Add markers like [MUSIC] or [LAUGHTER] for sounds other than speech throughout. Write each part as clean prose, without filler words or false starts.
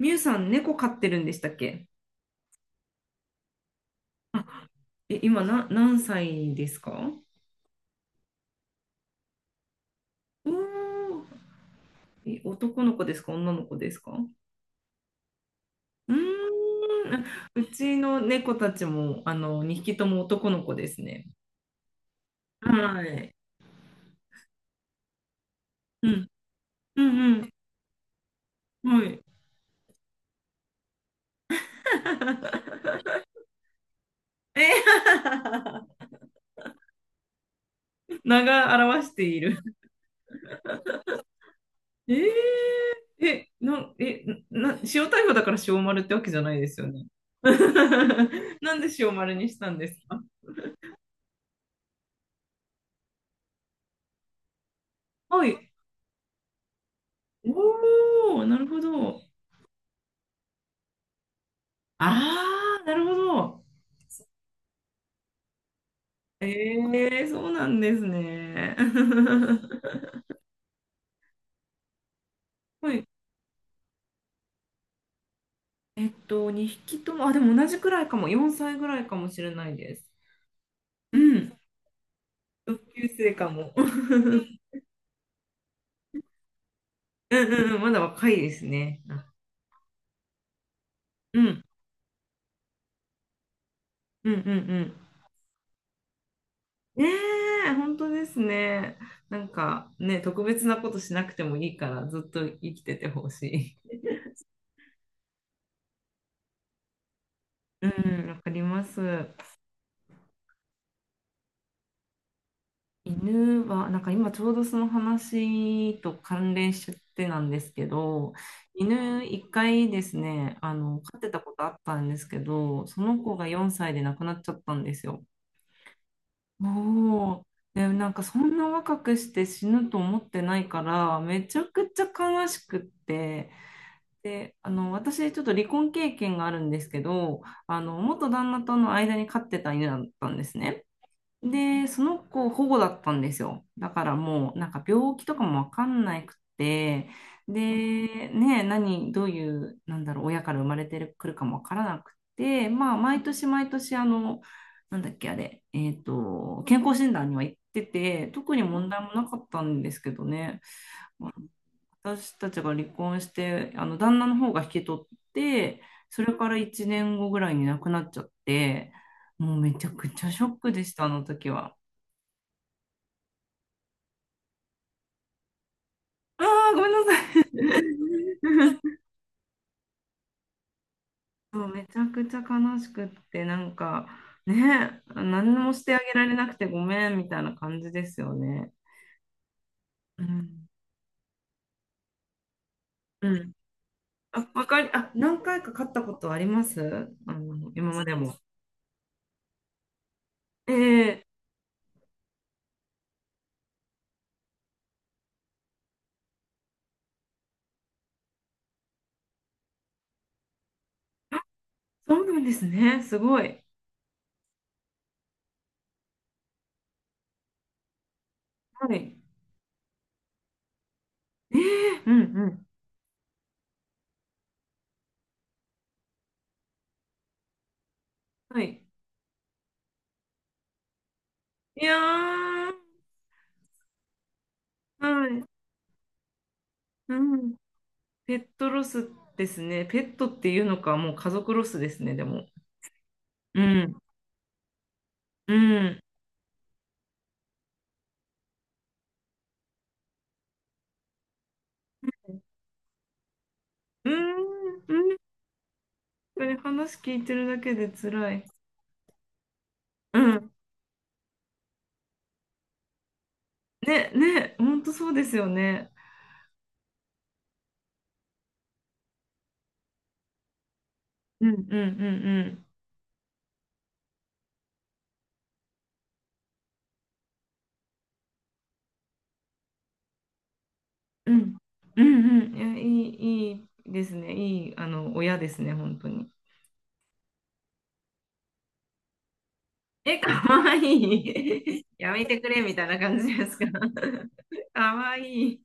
みゆさん、猫飼ってるんでしたっけ？あ、え、今何歳ですか？おー、え、男の子ですか、女の子ですか？うーん、うちの猫たちも、2匹とも男の子ですね。はい。うん、うん、うん、はい。[LAUGHS] え、名が表している。えーえ、な、え、な、塩逮捕だから塩丸ってわけじゃないですよね。[LAUGHS] なんで塩丸にしたんですか？はい。おお、なるほど。ああ、なるほど。ええ、そうなんですね。[LAUGHS] はい。2匹とも、あ、でも同じくらいかも。4歳ぐらいかもしれないです。うん。同級生かも。[LAUGHS] うん、うん、うん、まだ若いですね。うん、うん、うん、うん。ねえ、本当ですね。なんかね、特別なことしなくてもいいから、ずっと生きててほしい。うん、わかります。犬は、なんか今ちょうどその話と関連しちゃってなんですけど、犬一回ですね、飼ってたことあったんですけど、その子が4歳で亡くなっちゃったんですよ。もう、で、なんかそんな若くして死ぬと思ってないから、めちゃくちゃ悲しくって、で、私ちょっと離婚経験があるんですけど、元旦那との間に飼ってた犬だったんですね。で、その子保護だったんですよ。だからもうなんか病気とかもわかんなくて、で、ね、何、どういう、なんだろう、親から生まれてくるかもわからなくて、まあ、毎年毎年、なんだっけ、あれ、健康診断には行ってて、特に問題もなかったんですけどね。私たちが離婚して、あの旦那の方が引き取って、それから1年後ぐらいに亡くなっちゃって、もうめちゃくちゃショックでした、あの時は。ああ、ごめんなさい。[LAUGHS] そうめちゃくちゃ悲しくって、なんかね、何もしてあげられなくてごめんみたいな感じですよね。うん。うん。あ、わかり、あ、何回か勝ったことあります。今までも。ええ、そうなんですね。すごい。はい。ええ、うん、うん、はい。いやー、はい。うん。ペットロスですね。ペットっていうのか、もう家族ロスですね、でも。うん。うん。うん。うん。これ話聞いてるだけで辛い。うん。ね、ね、本当そうですよね。うん、うん、うん、うん。うん。うん、うん。いや、いいですね。いい、親ですね、本当に。え、かわいい。[LAUGHS] やめてくれ、みたいな感じですか。[LAUGHS] かわいい。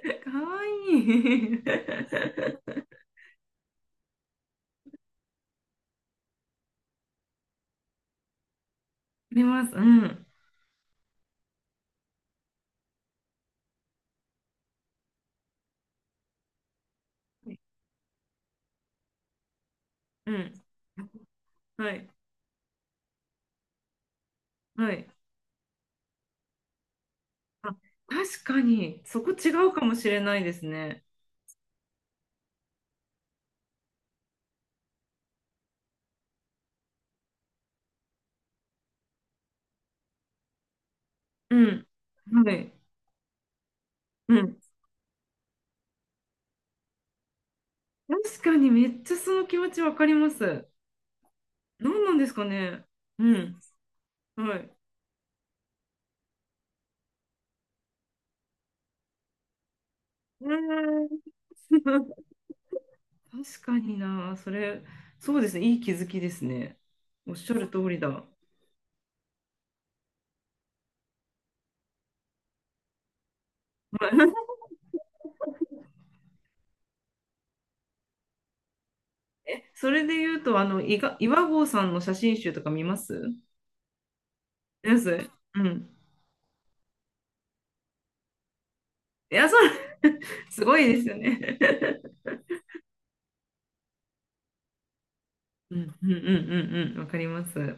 かわいい。[LAUGHS] あります。うん。うん。はい。はい。あ、確かに、そこ違うかもしれないですね。うん。はい。うん。確かに、めっちゃその気持ちわかります。何なんですかね。うん。はい。うーん。[LAUGHS] 確かにな、それ、そうですね、いい気づきですね。おっしゃる通りだ。はい。 [LAUGHS] それで言うと、岩合さんの写真集とか見ますです。うん。いや、そう、[LAUGHS] すごいですよね。[LAUGHS] うん、うん、うん、うん、うん、わかります。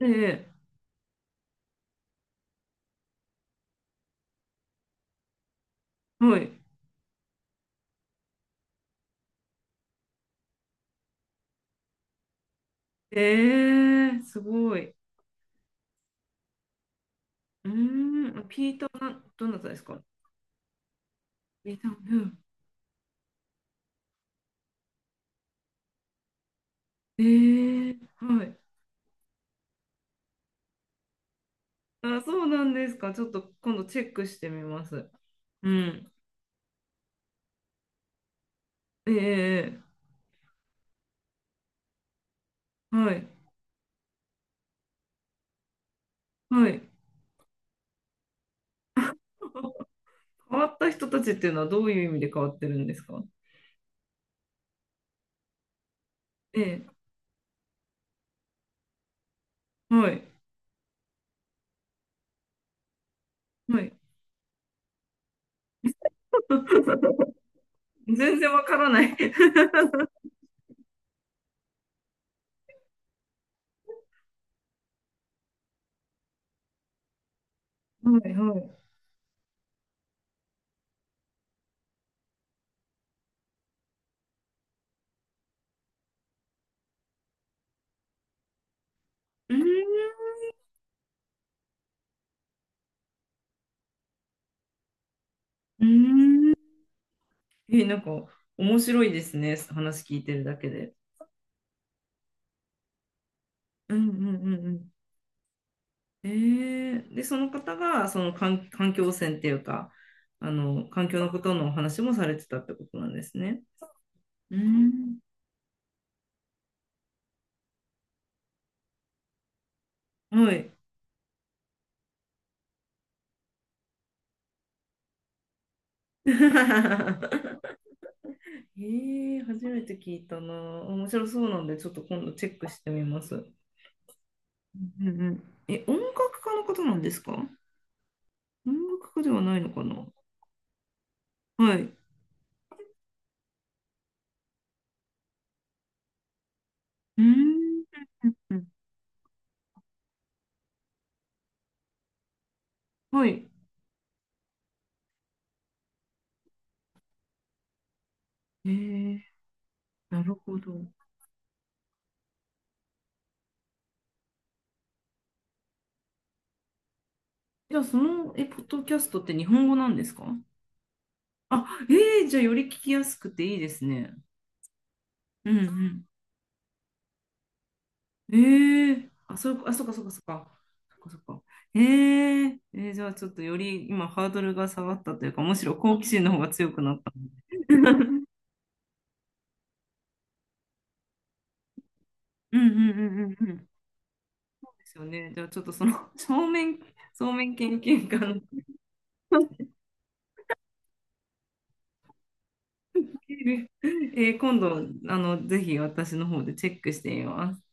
ええ、はい。すごい。うーピーターどなたですか？ピーター、うん。えはい。あ、そうなんですか。ちょっと今度チェックしてみます。うん。ええ、ええ、はい。はい。[LAUGHS] 変わった人たちっていうのはどういう意味で変わってるんですか？ええ、はい。はい。[LAUGHS] 全然わからない。はい、はい。うーん。うーん。なんか面白いですね。話聞いてるだけで。うん、うん、うん、うん。えで、その方がその環境汚染っていうか、環境のことのお話もされてたってことなんですね。うん。はい。[LAUGHS] え初めて聞いたな。面白そうなんで、ちょっと今度チェックしてみます。うん、うん、うん。え、音楽家の方なんですか？音楽家ではないのかな？はい。うーん、うん、うん、はい。えー、なるほど。じゃあ、ポッドキャストって日本語なんですか？あ、じゃあ、より聞きやすくていいですね。うん、うん。あ、そう、あ、そうか、そうか、そうか。そうか、そうか。じゃあ、ちょっとより今、ハードルが下がったというか、むしろ好奇心の方が強くなった。[LAUGHS] うん、うん、うん、うん、うん。ですよね。じゃあ、ちょっとその [LAUGHS]、正面研究家の。 [LAUGHS] 今度、ぜひ私の方でチェックしてみます。